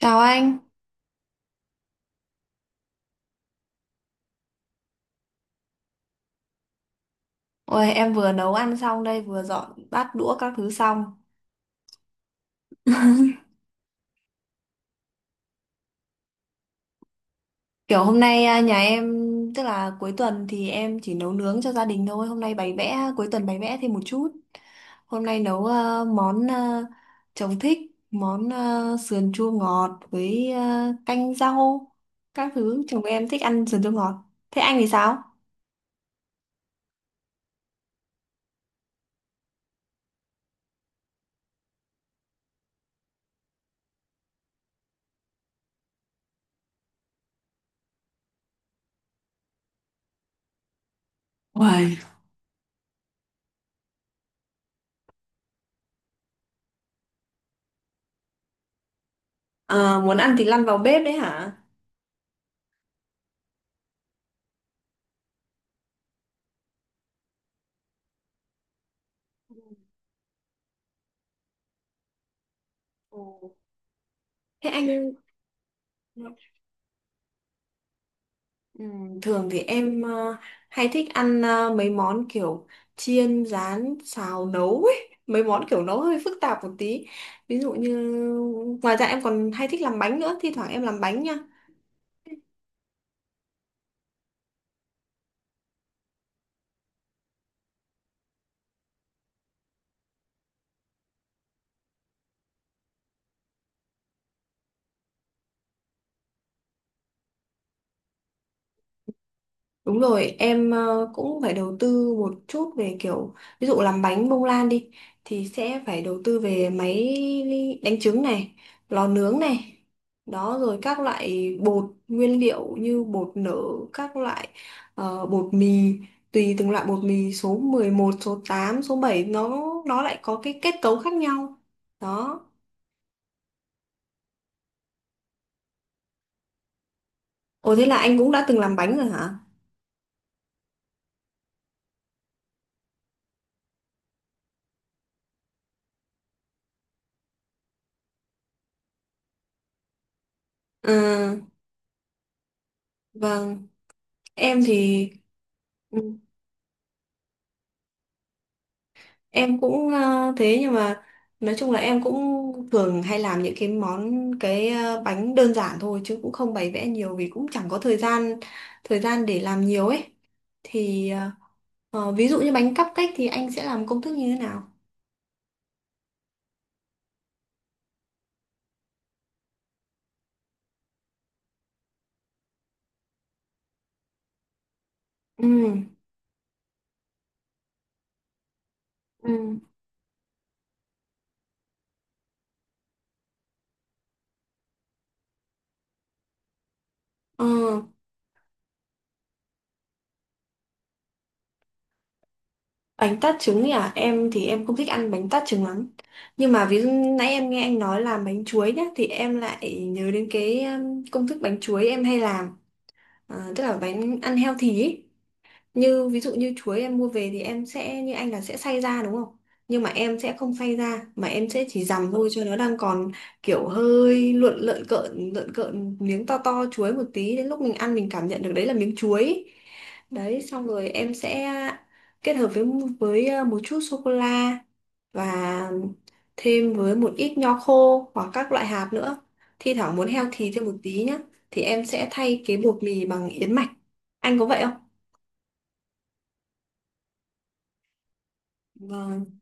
Chào anh. Ôi, em vừa nấu ăn xong đây, vừa dọn bát đũa các thứ xong. Kiểu hôm nay à, nhà em, tức là cuối tuần thì em chỉ nấu nướng cho gia đình thôi. Hôm nay bày vẽ, cuối tuần bày vẽ thêm một chút. Hôm nay nấu à, món à, chồng thích, món à, sườn chua ngọt với à, canh rau, các thứ. Chồng em thích ăn sườn chua ngọt. Thế anh thì sao? Uầy, à, muốn ăn thì lăn vào bếp đấy hả? Ồ, thế anh ừ, thường thì em hay thích ăn mấy món kiểu chiên, rán, xào, nấu ấy. Mấy món kiểu nấu hơi phức tạp một tí. Ví dụ như ngoài ra em còn hay thích làm bánh nữa, thi thoảng em làm bánh nha. Đúng rồi, em cũng phải đầu tư một chút về kiểu ví dụ làm bánh bông lan đi thì sẽ phải đầu tư về máy đánh trứng này, lò nướng này. Đó rồi các loại bột nguyên liệu như bột nở, các loại bột mì, tùy từng loại bột mì số 11 số 8 số 7 nó lại có cái kết cấu khác nhau. Đó. Ồ thế là anh cũng đã từng làm bánh rồi hả? À, vâng, em thì ừ. Em cũng thế nhưng mà nói chung là em cũng thường hay làm những cái món cái bánh đơn giản thôi chứ cũng không bày vẽ nhiều vì cũng chẳng có thời gian để làm nhiều ấy thì ví dụ như bánh cupcake thì anh sẽ làm công thức như thế nào. Ừ. Ừ. Ờ, bánh tart trứng ấy à, em thì em không thích ăn bánh tart trứng lắm, nhưng mà ví dụ nãy em nghe anh nói làm bánh chuối nhá thì em lại nhớ đến cái công thức bánh chuối em hay làm. Ờ, tức là bánh ăn healthy ấy, như ví dụ như chuối em mua về thì em sẽ như anh là sẽ xay ra đúng không, nhưng mà em sẽ không xay ra mà em sẽ chỉ dằm thôi cho nó đang còn kiểu hơi lợn lợn cợn miếng to to chuối một tí, đến lúc mình ăn mình cảm nhận được đấy là miếng chuối. Đấy xong rồi em sẽ kết hợp với một chút sô cô la và thêm với một ít nho khô hoặc các loại hạt nữa. Thi thoảng muốn healthy thêm một tí nhá thì em sẽ thay cái bột mì bằng yến mạch, anh có vậy không? Vâng.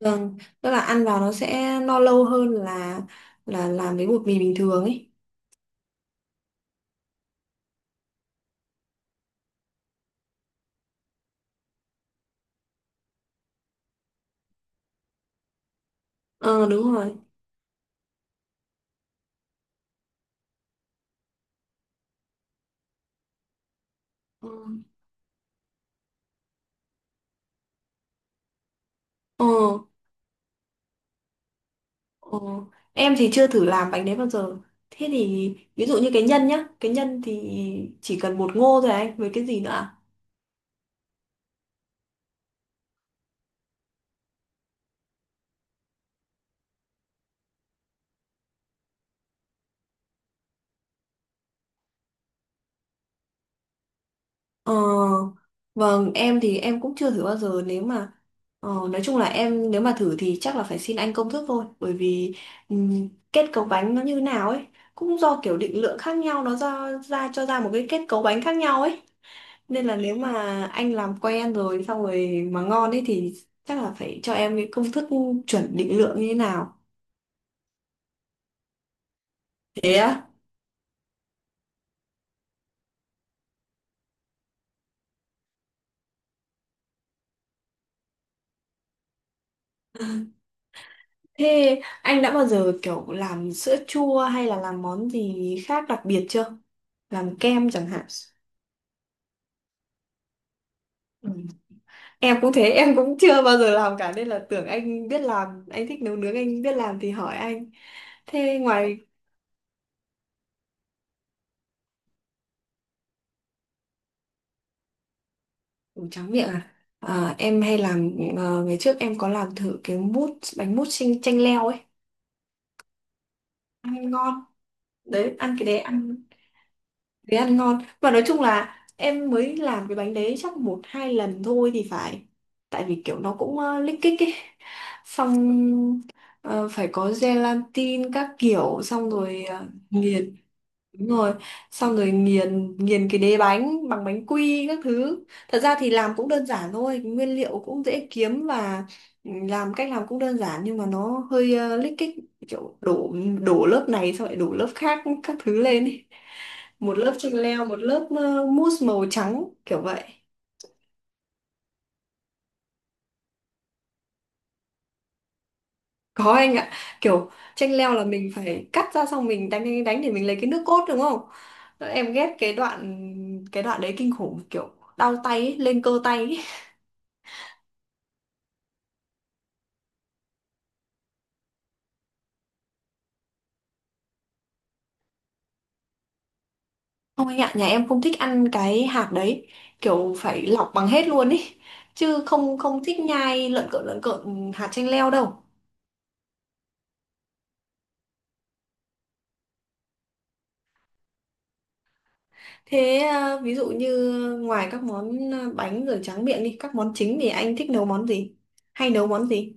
Vâng, tức là ăn vào nó sẽ no lâu hơn là làm với bột mì bình thường ấy. Ờ đúng rồi. Ờ, ờ, ờ. Em thì chưa thử làm bánh đấy bao giờ. Thế thì ví dụ như cái nhân nhá, cái nhân thì chỉ cần bột ngô thôi à anh, với cái gì nữa ạ? Ờ, vâng, em thì em cũng chưa thử bao giờ. Nếu mà nói chung là em nếu mà thử thì chắc là phải xin anh công thức thôi, bởi vì kết cấu bánh nó như nào ấy cũng do kiểu định lượng khác nhau, nó ra ra cho ra một cái kết cấu bánh khác nhau ấy, nên là nếu mà anh làm quen rồi xong rồi mà ngon ấy thì chắc là phải cho em cái công thức chuẩn định lượng như thế nào. Thế á, thế anh đã bao giờ kiểu làm sữa chua hay là làm món gì khác đặc biệt chưa, làm kem chẳng hạn? Ừ. Em cũng thế, em cũng chưa bao giờ làm cả nên là tưởng anh biết làm, anh thích nấu nướng anh biết làm thì hỏi anh. Thế ngoài. Ủa, tráng miệng à? À, em hay làm ngày trước em có làm thử cái mút bánh mút chanh chanh leo ấy, ăn ngon. Đấy, ăn cái đấy ăn ngon. Và nói chung là em mới làm cái bánh đấy chắc một hai lần thôi thì phải. Tại vì kiểu nó cũng lích kích ấy. Xong ờ, phải có gelatin các kiểu, xong rồi nghiền. Đúng rồi, xong rồi nghiền nghiền cái đế bánh bằng bánh quy các thứ. Thật ra thì làm cũng đơn giản thôi, nguyên liệu cũng dễ kiếm và cách làm cũng đơn giản, nhưng mà nó hơi lích kích, kiểu đổ đổ lớp này xong lại đổ lớp khác các thứ lên ý. Một lớp chanh leo, một lớp mousse màu trắng kiểu vậy. Có anh ạ, kiểu chanh leo là mình phải cắt ra xong mình đánh đánh đánh để mình lấy cái nước cốt đúng không? Em ghét cái đoạn đấy kinh khủng, kiểu đau tay ấy, lên cơ tay ấy. Không anh ạ, nhà em không thích ăn cái hạt đấy, kiểu phải lọc bằng hết luôn ý, chứ không không thích nhai lợn cợn hạt chanh leo đâu. Thế à, ví dụ như ngoài các món à, bánh rồi tráng miệng đi, các món chính thì anh thích nấu món gì? Hay nấu món gì?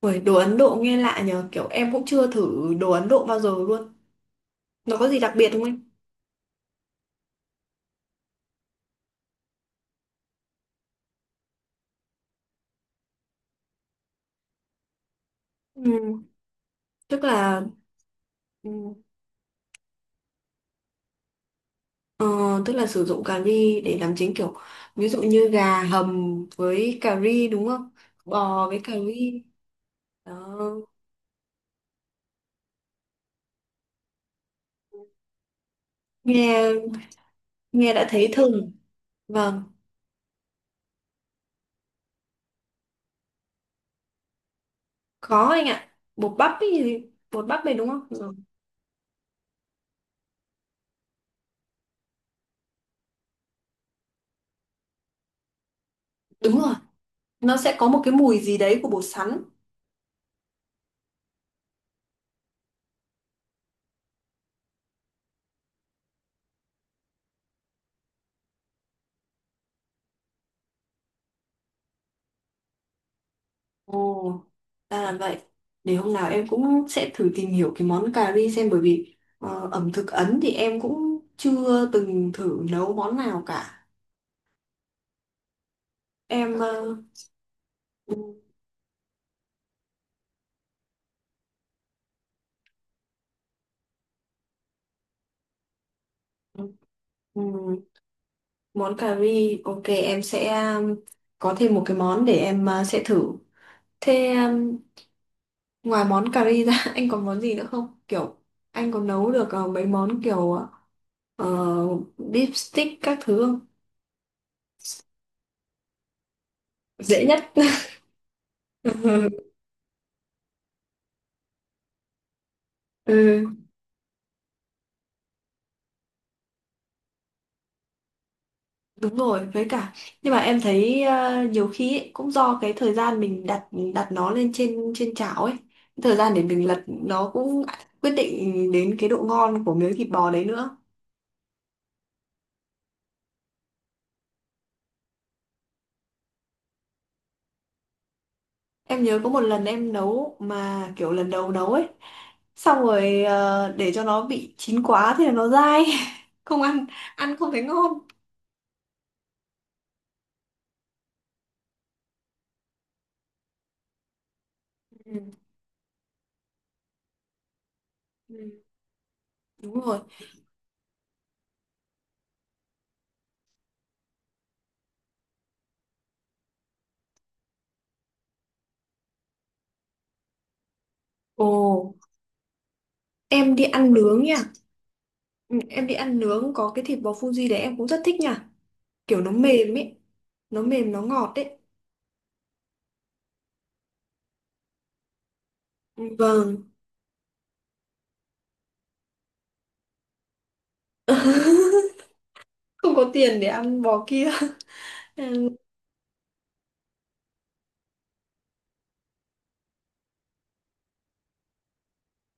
Ui, đồ Ấn Độ nghe lạ nhờ, kiểu em cũng chưa thử đồ Ấn Độ bao giờ luôn. Nó có gì đặc biệt không anh? Ừ, tức là ừ, ờ, tức là sử dụng cà ri để làm chính kiểu ví dụ như gà hầm với cà ri đúng không? Bò với cà ri. Đó. Nghe Nghe đã thấy thơm. Vâng, có anh ạ. Bột bắp ấy, thì- bột bắp này đúng không? Ừ. Đúng rồi, nó sẽ có một cái mùi gì đấy của bột sắn. Ồ, ra là vậy. Để hôm nào em cũng sẽ thử tìm hiểu cái món cà ri xem, bởi vì ẩm thực Ấn thì em cũng chưa từng thử nấu món nào cả. Em ừ, ừ, món cà ri, ok em sẽ um, có thêm một cái món để em sẽ thử. Thế ngoài món cà ri ra anh còn món gì nữa không? Kiểu anh có nấu được mấy món kiểu uh, deep stick các thứ không? Dễ nhất. Ừ, đúng rồi, với cả nhưng mà em thấy nhiều khi ấy, cũng do cái thời gian mình đặt đặt nó lên trên trên chảo ấy, thời gian để mình lật nó cũng quyết định đến cái độ ngon của miếng thịt bò đấy nữa. Em nhớ có một lần em nấu mà kiểu lần đầu nấu ấy, xong rồi để cho nó bị chín quá thì nó dai, không ăn, ăn không thấy ngon. Ừ, ừ, đúng rồi. Ồ, em đi ăn nướng nha. Ừ, em đi ăn nướng có cái thịt bò Fuji đấy em cũng rất thích nha. Kiểu nó mềm ấy, nó mềm nó ngọt ấy. Ừ, vâng. Không có tiền để ăn bò kia. Ừ,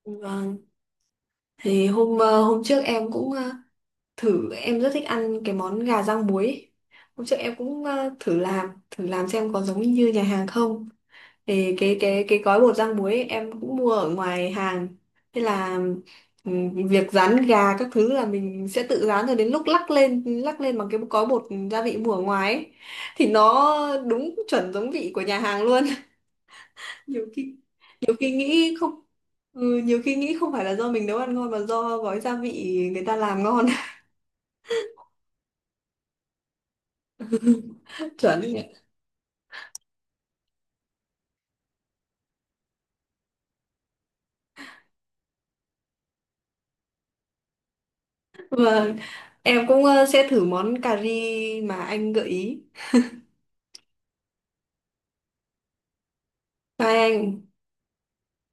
vâng. Thì hôm trước em cũng thử, em rất thích ăn cái món gà rang muối ấy. Hôm trước em cũng thử làm xem có giống như nhà hàng không, thì cái cái gói bột rang muối ấy, em cũng mua ở ngoài hàng. Thế là việc rán gà các thứ là mình sẽ tự rán, rồi đến lúc lắc lên bằng cái gói bột gia vị mua ở ngoài ấy, thì nó đúng chuẩn giống vị của nhà hàng luôn. nhiều khi nhiều khi nghĩ không ừ, nhiều khi nghĩ không phải là do mình nấu ăn ngon mà do gói gia vị người ta làm ngon. Chuẩn. Vâng, em cũng sẽ thử món cà ri mà anh gợi ý. Bye anh.